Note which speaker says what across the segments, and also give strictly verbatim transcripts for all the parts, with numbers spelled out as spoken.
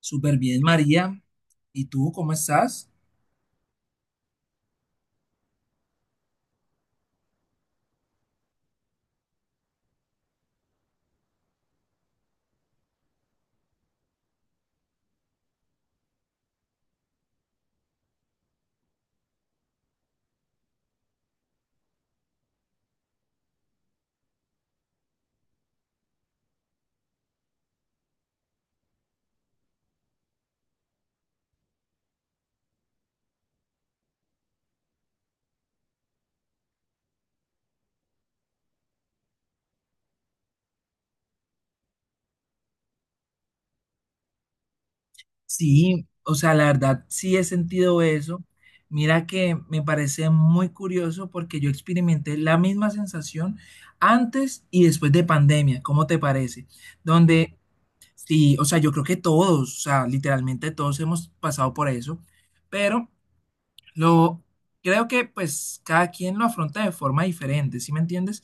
Speaker 1: Súper bien, María. ¿Y tú cómo estás? Sí, o sea, la verdad, sí he sentido eso. Mira que me parece muy curioso porque yo experimenté la misma sensación antes y después de pandemia. ¿Cómo te parece? Donde, sí, o sea, yo creo que todos, o sea, literalmente todos hemos pasado por eso, pero Lo, creo que pues cada quien lo afronta de forma diferente, ¿sí me entiendes?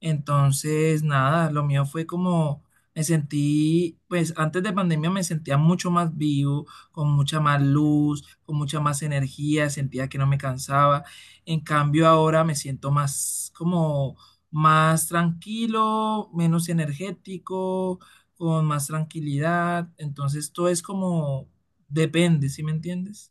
Speaker 1: Entonces, nada, lo mío fue como me sentí, pues antes de pandemia me sentía mucho más vivo, con mucha más luz, con mucha más energía, sentía que no me cansaba. En cambio, ahora me siento más como más tranquilo, menos energético, con más tranquilidad. Entonces, todo es como depende, ¿sí me entiendes?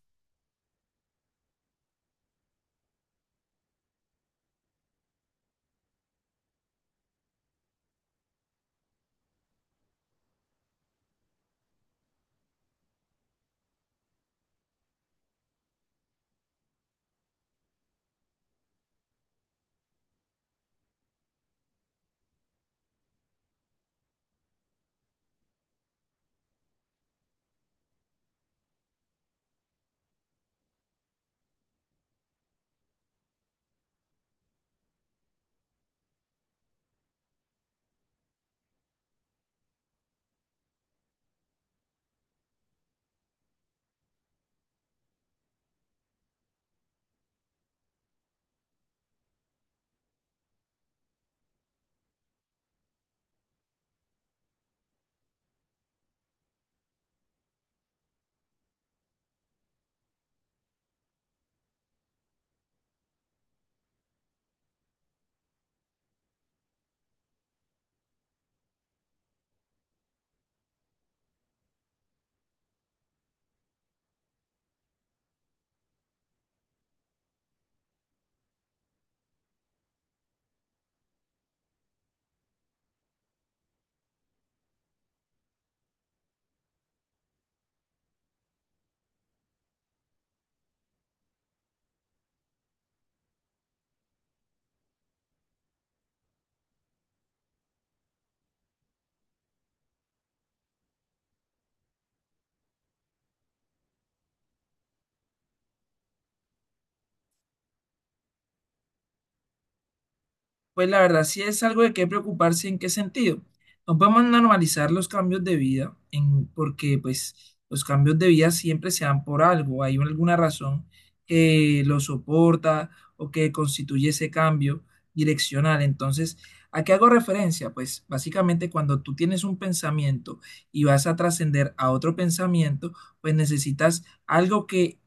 Speaker 1: Pues la verdad sí es algo de qué preocuparse, ¿en qué sentido? No podemos normalizar los cambios de vida, en, porque pues los cambios de vida siempre se dan por algo, hay alguna razón que lo soporta o que constituye ese cambio direccional. Entonces, ¿a qué hago referencia? Pues básicamente cuando tú tienes un pensamiento y vas a trascender a otro pensamiento, pues necesitas algo que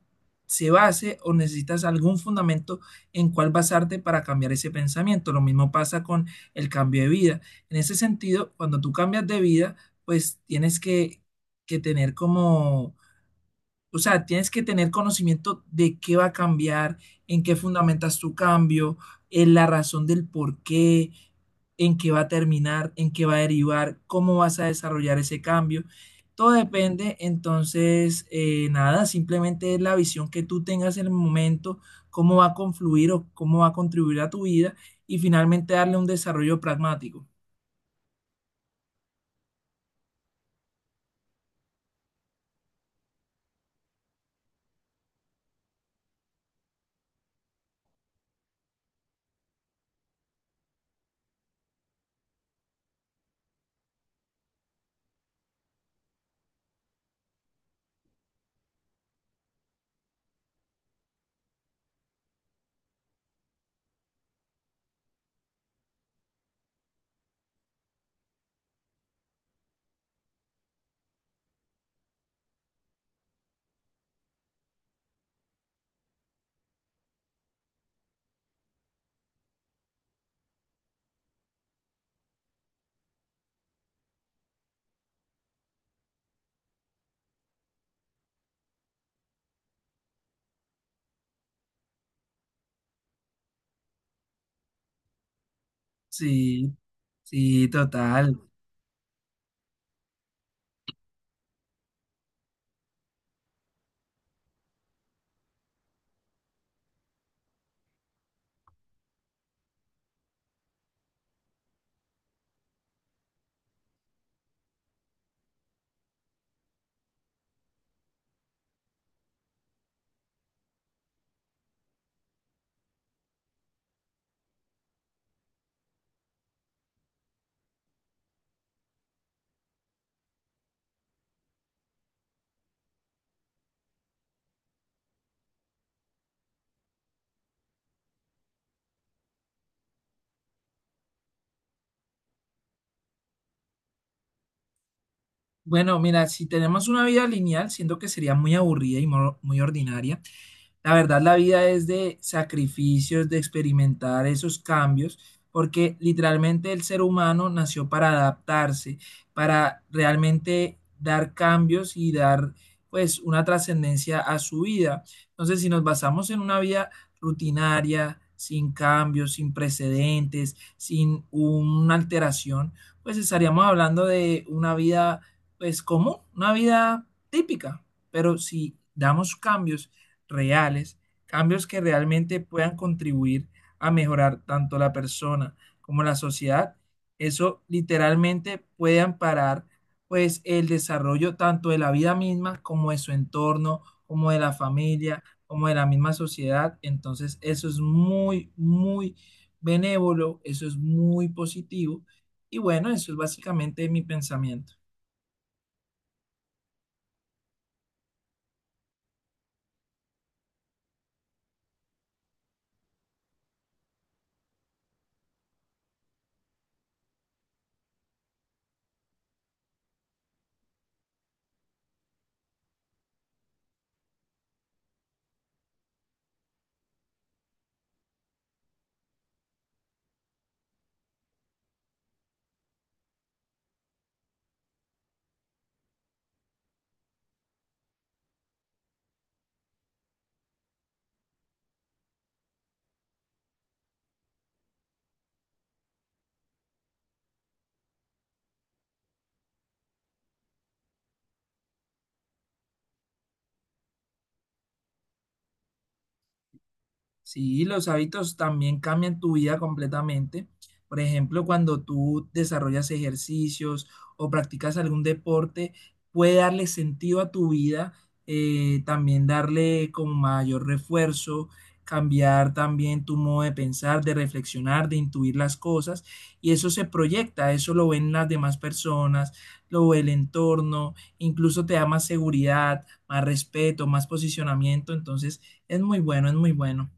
Speaker 1: se base o necesitas algún fundamento en cuál basarte para cambiar ese pensamiento. Lo mismo pasa con el cambio de vida. En ese sentido, cuando tú cambias de vida, pues tienes que, que tener como o sea, tienes que tener conocimiento de qué va a cambiar, en qué fundamentas tu cambio, en la razón del por qué, en qué va a terminar, en qué va a derivar, cómo vas a desarrollar ese cambio. Todo depende, entonces, eh, nada, simplemente es la visión que tú tengas en el momento, cómo va a confluir o cómo va a contribuir a tu vida y finalmente darle un desarrollo pragmático. Sí, sí, total. Bueno, mira, si tenemos una vida lineal, siento que sería muy aburrida y mo- muy ordinaria. La verdad, la vida es de sacrificios, de experimentar esos cambios, porque literalmente el ser humano nació para adaptarse, para realmente dar cambios y dar pues una trascendencia a su vida. Entonces, si nos basamos en una vida rutinaria, sin cambios, sin precedentes, sin una alteración, pues estaríamos hablando de una vida pues común, una vida típica, pero si damos cambios, reales, cambios que realmente puedan contribuir a mejorar tanto la persona como la sociedad, eso literalmente puede amparar pues el desarrollo tanto de la vida misma como de su entorno, como de la familia, como de la misma sociedad. Entonces, eso es muy, muy benévolo, eso es muy positivo. Y bueno, eso es básicamente mi pensamiento. Sí, los hábitos también cambian tu vida completamente. Por ejemplo, cuando tú desarrollas ejercicios o practicas algún deporte, puede darle sentido a tu vida, eh, también darle como mayor refuerzo, cambiar también tu modo de pensar, de reflexionar, de intuir las cosas. Y eso se proyecta, eso lo ven las demás personas, lo ve el entorno, incluso te da más seguridad, más respeto, más posicionamiento. Entonces, es muy bueno, es muy bueno.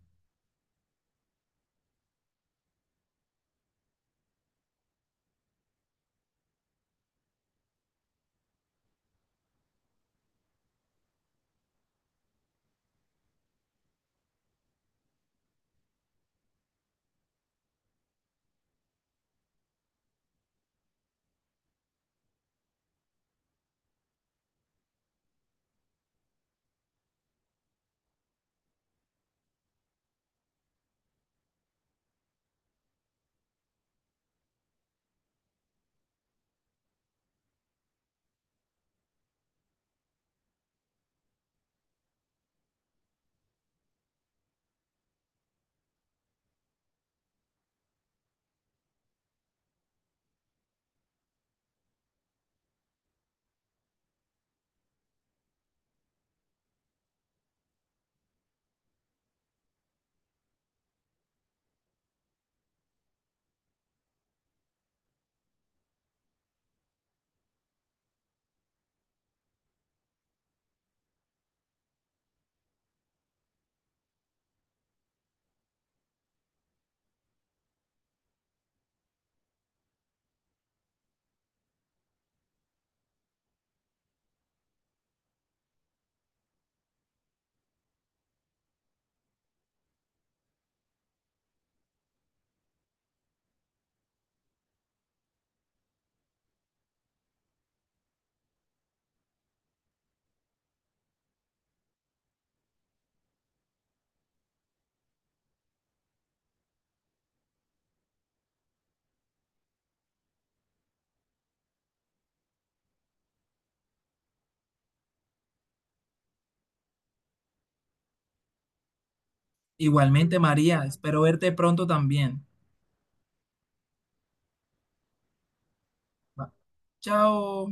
Speaker 1: Igualmente, María, espero verte pronto también. Va. Chao.